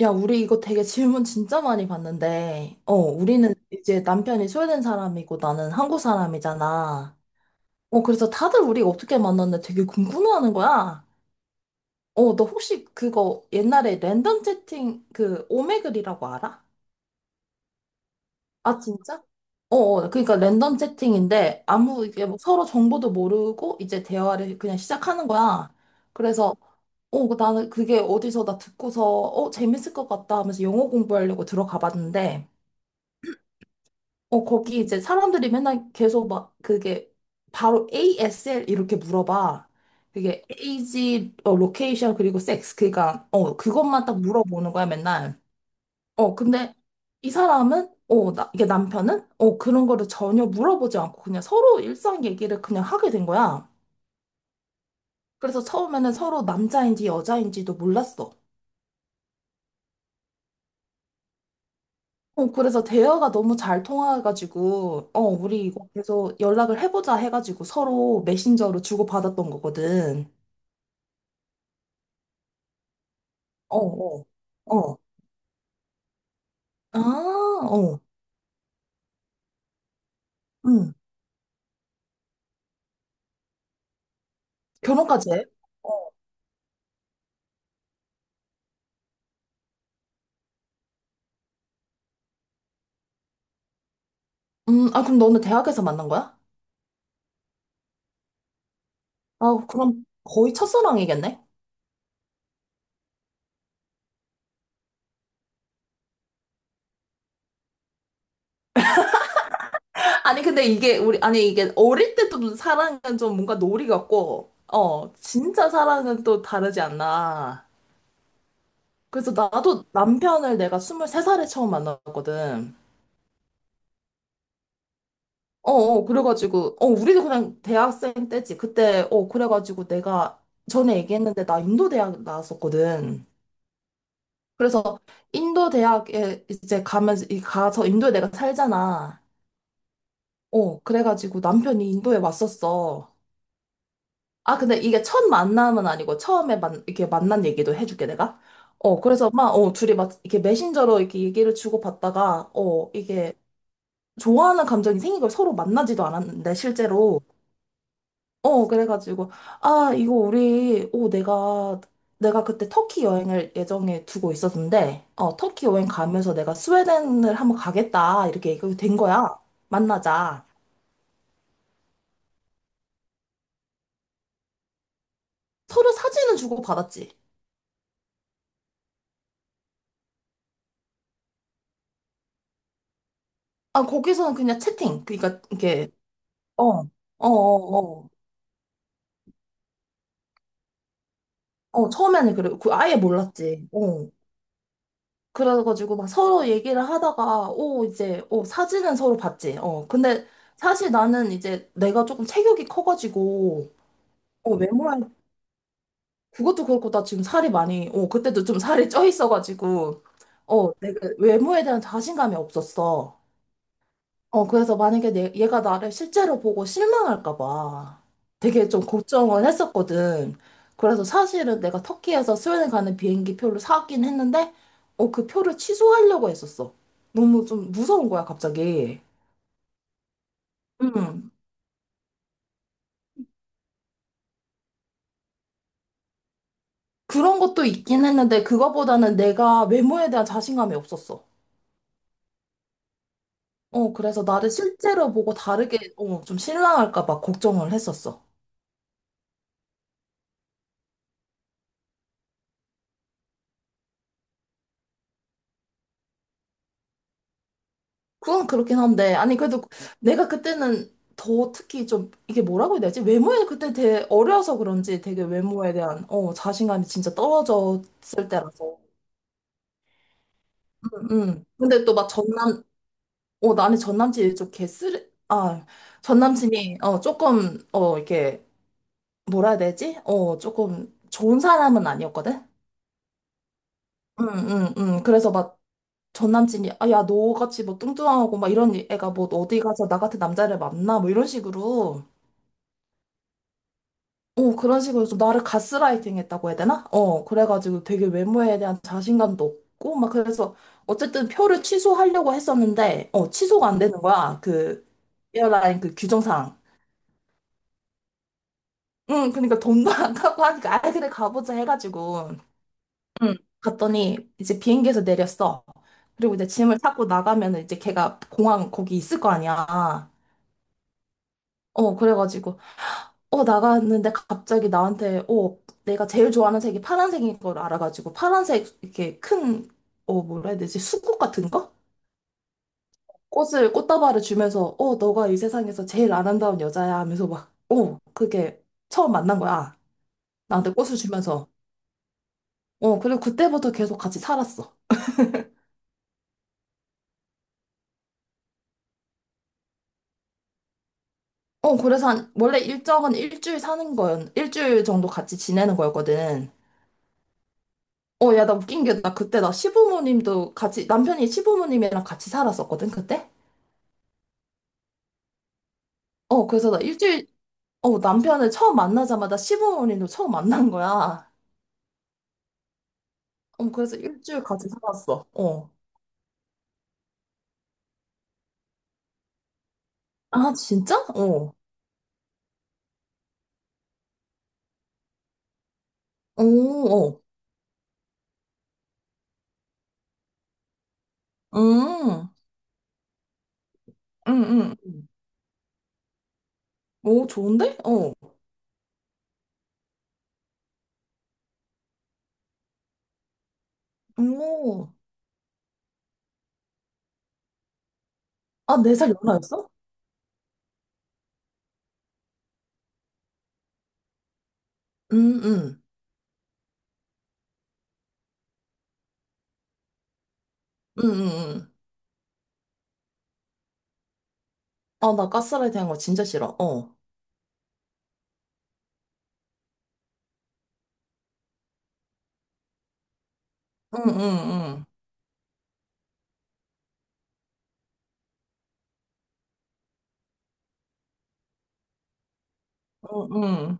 야, 우리 이거 되게 질문 진짜 많이 받는데, 우리는 이제 남편이 스웨덴 사람이고 나는 한국 사람이잖아. 그래서 다들 우리가 어떻게 만났는데 되게 궁금해하는 거야. 너 혹시 그거 옛날에 랜덤 채팅 그 오메글이라고 알아? 아, 진짜? 그러니까 랜덤 채팅인데 아무 이게 뭐 서로 정보도 모르고 이제 대화를 그냥 시작하는 거야. 그래서 그 나는 그게 어디서 나 듣고서, 재밌을 것 같다 하면서 영어 공부하려고 들어가 봤는데, 거기 이제 사람들이 맨날 계속 막 그게 바로 ASL 이렇게 물어봐. 그게 에이지, 로케이션, 그리고 섹스. 그니까, 그것만 딱 물어보는 거야, 맨날. 근데 이 사람은, 이게 남편은, 그런 거를 전혀 물어보지 않고 그냥 서로 일상 얘기를 그냥 하게 된 거야. 그래서 처음에는 서로 남자인지 여자인지도 몰랐어. 그래서 대화가 너무 잘 통화해가지고, 우리 이거 계속 연락을 해보자 해가지고 서로 메신저로 주고받았던 거거든. 어, 어, 어. 아, 어, 응. 결혼까지 해? 어. 아, 그럼 너는 대학에서 만난 거야? 아, 그럼 거의 첫사랑이겠네? 아니, 근데 이게, 우리, 아니, 이게 어릴 때 또 사랑은 좀 뭔가 놀이 같고, 진짜 사랑은 또 다르지 않나. 그래서 나도 남편을 내가 23살에 처음 만났거든. 그래가지고, 우리도 그냥 대학생 때지. 그때, 그래가지고 내가 전에 얘기했는데 나 인도 대학 나왔었거든. 그래서 인도 대학에 이제 가면, 가서 인도에 내가 살잖아. 그래가지고 남편이 인도에 왔었어. 아, 근데 이게 첫 만남은 아니고 이렇게 만난 얘기도 해줄게, 내가. 그래서 막, 둘이 막 이렇게 메신저로 이렇게 얘기를 주고받다가, 이게 좋아하는 감정이 생긴 걸 서로 만나지도 않았는데, 실제로. 어, 그래가지고, 아, 이거 우리, 어, 내가, 내가 그때 터키 여행을 예정에 두고 있었는데, 터키 여행 가면서 내가 스웨덴을 한번 가겠다, 이렇게 얘기가 된 거야. 만나자. 서로 사진을 주고받았지. 아, 거기서는 그냥 채팅. 어, 어, 어, 어. 처음에는 그래, 그 아예 몰랐지. 어. 그래가지고 막 서로 얘기를 하다가, 오, 이제, 사진은 서로 봤지. 어, 근데 사실 나는 이제 내가 조금 체격이 커가지고, 외모에 그것도 그렇고 나 지금 살이 많이 어 그때도 좀 살이 쪄 있어가지고 어 내가 외모에 대한 자신감이 없었어. 어 그래서 만약에 얘가 나를 실제로 보고 실망할까 봐 되게 좀 걱정을 했었거든. 그래서 사실은 내가 터키에서 스웨덴 가는 비행기 표를 사긴 했는데 어 그 표를 취소하려고 했었어. 너무 좀 무서운 거야 갑자기. 음 그런 것도 있긴 했는데 그거보다는 내가 외모에 대한 자신감이 없었어. 그래서 나를 실제로 보고 다르게, 좀 실망할까 봐 걱정을 했었어. 그건 그렇긴 한데, 아니, 그래도 내가 그때는 더 특히 좀, 이게 뭐라고 해야 되지? 외모에 그때 되게 어려서 그런지 되게 외모에 대한, 자신감이 진짜 떨어졌을 때라서. 응, 응. 근데 또 막 나는 전남친이 좀 전남친이, 조금, 이렇게, 뭐라 해야 되지? 조금 좋은 사람은 아니었거든? 응, 응, 응. 그래서 막 전 남친이 아, 야, 너같이 뭐 뚱뚱하고 막 이런 애가 뭐 어디 가서 나 같은 남자를 만나 뭐 이런 식으로 어 그런 식으로 좀 나를 가스라이팅 했다고 해야 되나? 어 그래가지고 되게 외모에 대한 자신감도 없고 막 그래서 어쨌든 표를 취소하려고 했었는데 어 취소가 안 되는 거야 그 에어라인 그 규정상 응 그러니까 돈도 안 가고 하니까 아이 그래 가보자 해가지고 응. 갔더니 이제 비행기에서 내렸어. 그리고 이제 짐을 찾고 나가면 이제 걔가 공항 거기 있을 거 아니야. 어, 그래가지고 나갔는데 갑자기 나한테, 내가 제일 좋아하는 색이 파란색인 걸 알아가지고, 파란색, 이렇게 큰, 뭐라 해야 되지? 수국 같은 거? 꽃다발을 주면서, 너가 이 세상에서 제일 아름다운 여자야 하면서 막, 그게 처음 만난 거야. 나한테 꽃을 주면서. 어, 그리고 그때부터 계속 같이 살았어. 그래서 원래 일정은 일주일 정도 같이 지내는 거였거든. 야, 나 웃긴 게, 나 그때 나 시부모님도 같이, 남편이 시부모님이랑 같이 살았었거든, 그때? 어, 그래서 나 일주일, 어, 남편을 처음 만나자마자 시부모님도 처음 만난 거야. 어, 그래서 일주일 같이 살았어. 어. 아, 진짜? 어. 오, 어. 음. 오, 좋은데? 어. 오. 아, 네 살 연하였어? 음, 음. 음. 아, 나 가스라이팅 한거 진짜 싫어. 어. 응응 응 응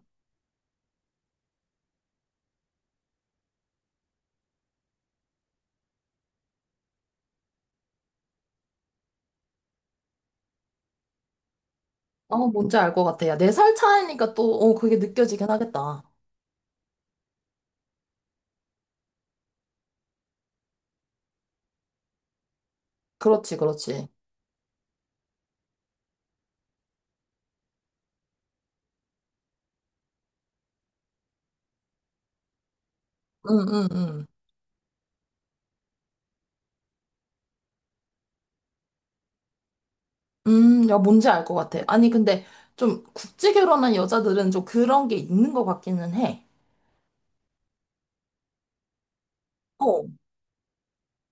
아, 뭔지 알 것 같아. 야, 네 살 차이니까 또, 그게 느껴지긴 하겠다. 그렇지, 그렇지. 응응 야, 뭔지 알 것 같아. 아니, 근데 좀 국제 결혼한 여자들은 좀 그런 게 있는 것 같기는 해. 어,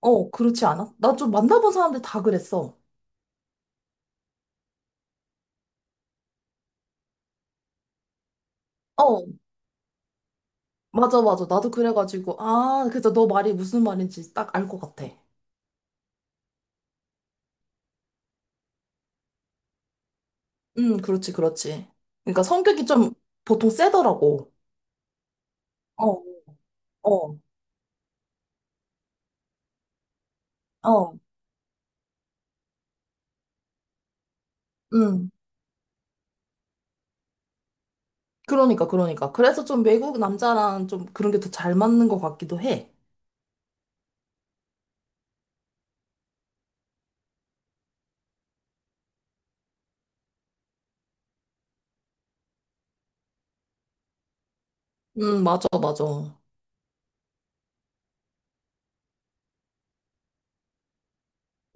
그렇지 않아? 나 좀 만나본 사람들 다 그랬어. 어, 맞아, 맞아. 나도 그래가지고, 아, 그래서 너 말이 무슨 말인지 딱 알 것 같아. 그렇지, 그렇지. 그러니까 성격이 좀 보통 세더라고. 어, 어, 어, 음. 그러니까, 그러니까. 그래서 좀 외국 남자랑 좀 그런 게 더 잘 맞는 것 같기도 해. 맞아, 맞아.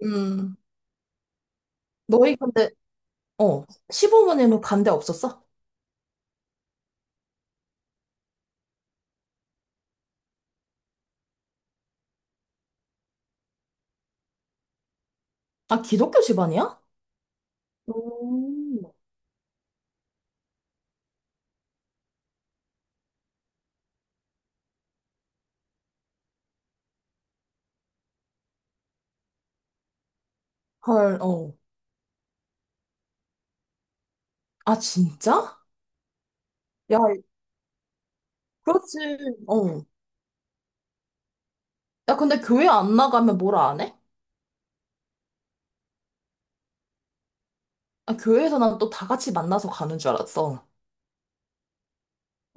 음. 너희 근데 어, 시부모님은 반대 없었어? 아, 기독교 집안이야? 음. 헐, 어. 아, 진짜? 야, 그렇지. 어. 야, 근데 교회 안 나가면 뭐라 안 해? 아, 교회에서 난 또 다 같이 만나서 가는 줄 알았어.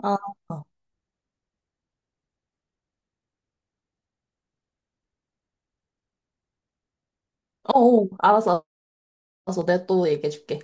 아, 어, 어, 알았어, 알았어. 내가 또 얘기해줄게.